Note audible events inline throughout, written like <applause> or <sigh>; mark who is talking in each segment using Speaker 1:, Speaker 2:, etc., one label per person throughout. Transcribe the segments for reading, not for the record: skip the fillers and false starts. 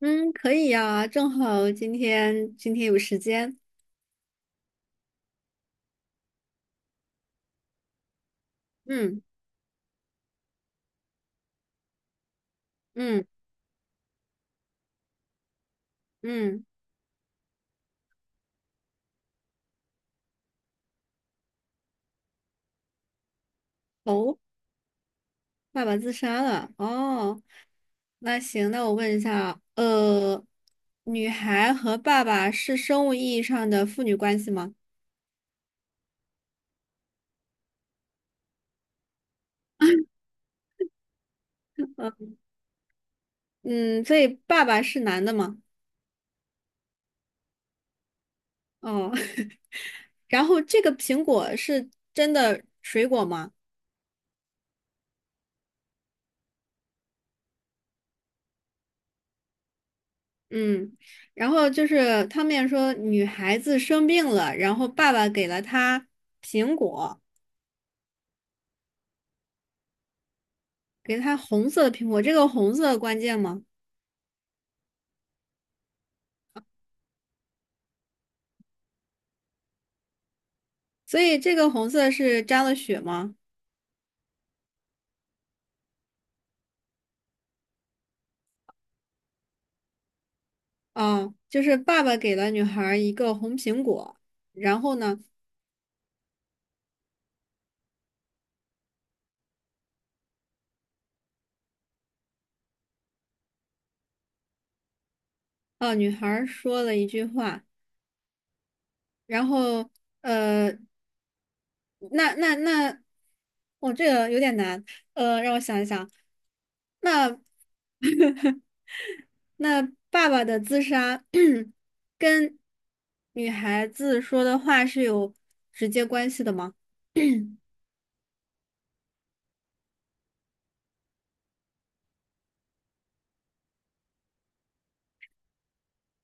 Speaker 1: 嗯，可以呀，正好今天有时间。嗯嗯嗯，哦，爸爸自杀了。哦，那行，那我问一下，女孩和爸爸是生物意义上的父女关系吗？呃，嗯，所以爸爸是男的吗？哦，<laughs> 然后这个苹果是真的水果吗？嗯，然后就是他们也说女孩子生病了，然后爸爸给了她苹果。给它红色的苹果，这个红色关键吗？所以这个红色是沾了血吗？啊，就是爸爸给了女孩一个红苹果，然后呢，啊，女孩说了一句话，然后呃，那那那，哦，这个有点难，让我想一想，那 <laughs> 那爸爸的自杀 <coughs> <clears throat> 跟女孩子说的话是有直接关系的吗？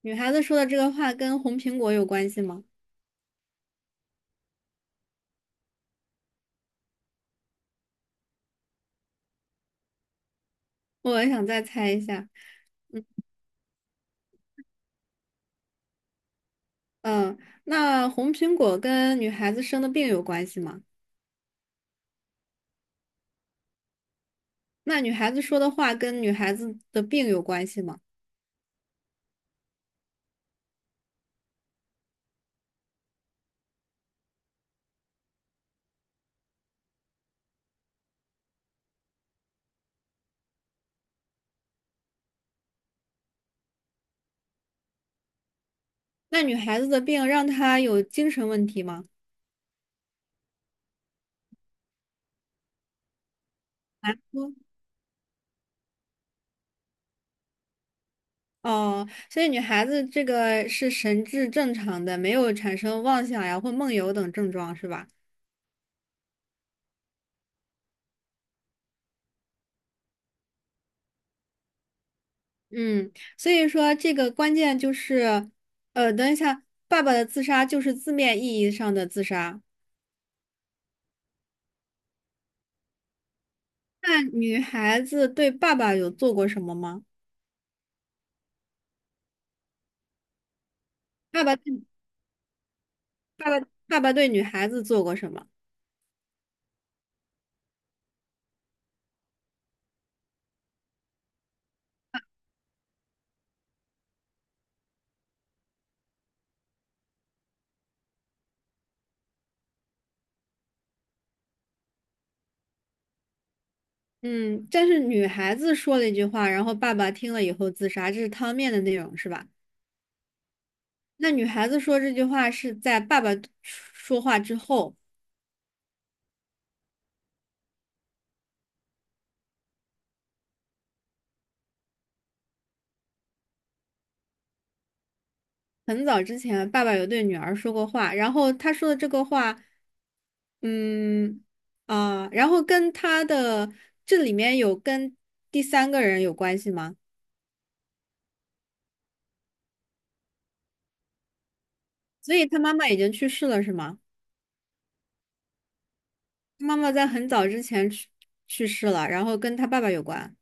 Speaker 1: 女孩子说的这个话跟红苹果有关系吗？我想再猜一下。嗯，那红苹果跟女孩子生的病有关系吗？那女孩子说的话跟女孩子的病有关系吗？那女孩子的病让她有精神问题吗？难说。哦，所以女孩子这个是神志正常的，没有产生妄想呀或梦游等症状，是吧？嗯，所以说这个关键就是，等一下，爸爸的自杀就是字面意义上的自杀。那女孩子对爸爸有做过什么吗？爸爸对爸爸对女孩子做过什么？嗯，但是女孩子说了一句话，然后爸爸听了以后自杀，这是汤面的内容是吧？那女孩子说这句话是在爸爸说话之后，很早之前，爸爸有对女儿说过话，然后他说的这个话，嗯，啊，然后跟他的这里面有跟第三个人有关系吗？所以他妈妈已经去世了是吗？妈妈在很早之前去世了，然后跟他爸爸有关，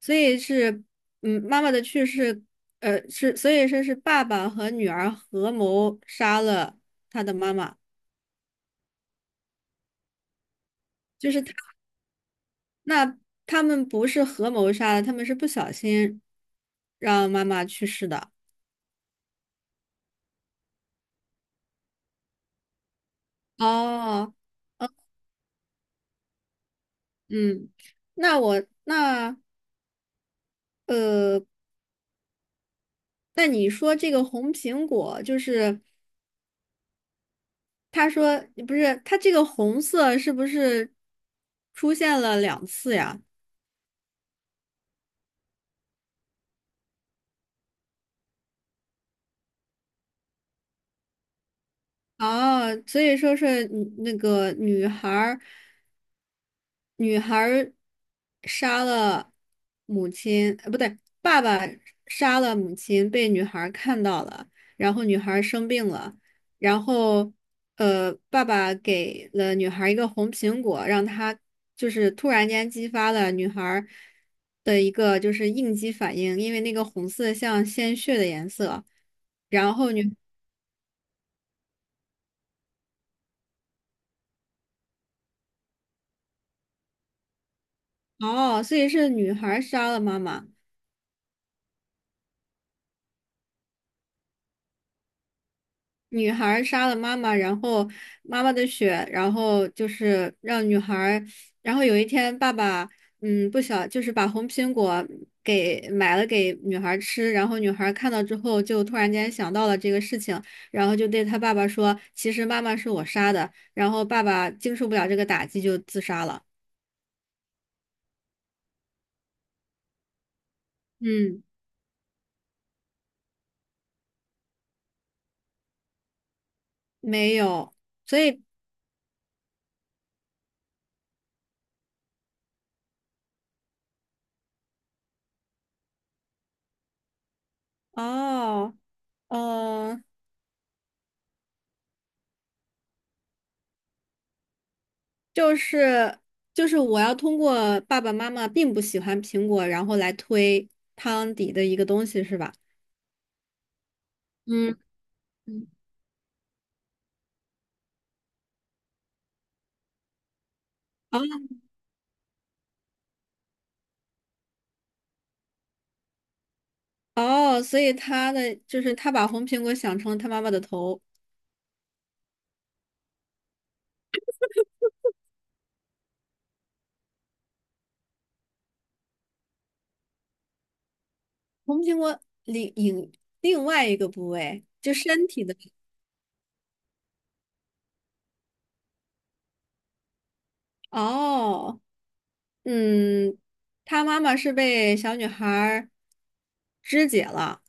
Speaker 1: 所以是，嗯，妈妈的去世，呃，是，所以说是爸爸和女儿合谋杀了他的妈妈，就是他，那他们不是合谋杀的，他们是不小心让妈妈去世的。哦，嗯，那我那呃，那你说这个红苹果就是。他说不是，他这个红色是不是出现了两次呀？哦，所以说是女孩儿杀了母亲，呃，不对，爸爸杀了母亲，被女孩儿看到了，然后女孩儿生病了，然后爸爸给了女孩儿一个红苹果，让她就是突然间激发了女孩儿的一个就是应激反应，因为那个红色像鲜血的颜色，然后女，哦，所以是女孩儿杀了妈妈。女孩儿杀了妈妈，然后妈妈的血，然后就是让女孩儿然后有一天爸爸，嗯，不小，就是把红苹果给买了给女孩儿吃，然后女孩儿看到之后就突然间想到了这个事情，然后就对她爸爸说，其实妈妈是我杀的，然后爸爸经受不了这个打击就自杀了。嗯，没有，所以哦，哦。就是就是我要通过爸爸妈妈并不喜欢苹果，然后来推汤底的一个东西，是吧？嗯嗯，哦哦，所以他的就是他把红苹果想成了他妈妈的头，红苹果另外一个部位，就身体的。哦，嗯，他妈妈是被小女孩儿肢解了。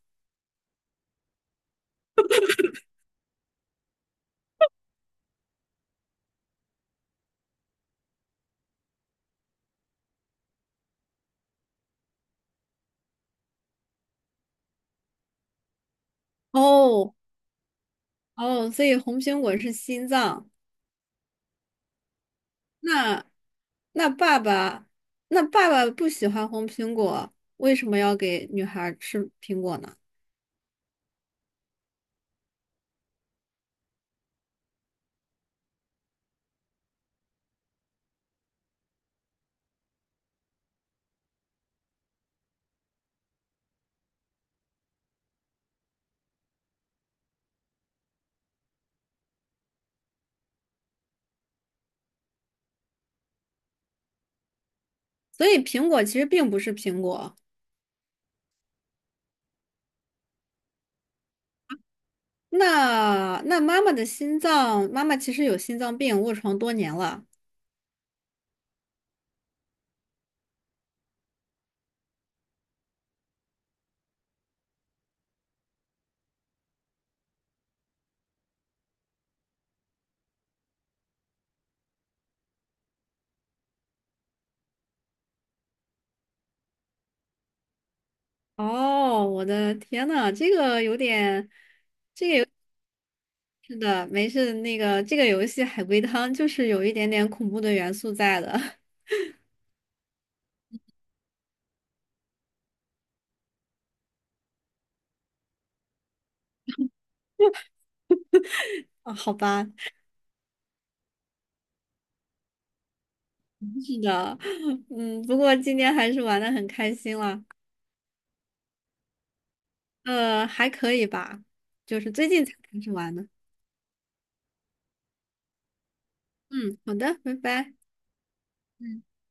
Speaker 1: 哦哦，所以红苹果是心脏。那那爸爸，那爸爸不喜欢红苹果，为什么要给女孩儿吃苹果呢？所以苹果其实并不是苹果。那那妈妈的心脏，妈妈其实有心脏病，卧床多年了。哦，我的天呐，这个有点，是的，没事，那个这个游戏海龟汤就是有一点点恐怖的元素在的。<laughs> 啊，好吧，是的，<laughs> 嗯，不过今天还是玩的很开心了。还可以吧，就是最近才开始玩的。嗯，好的，拜拜。嗯。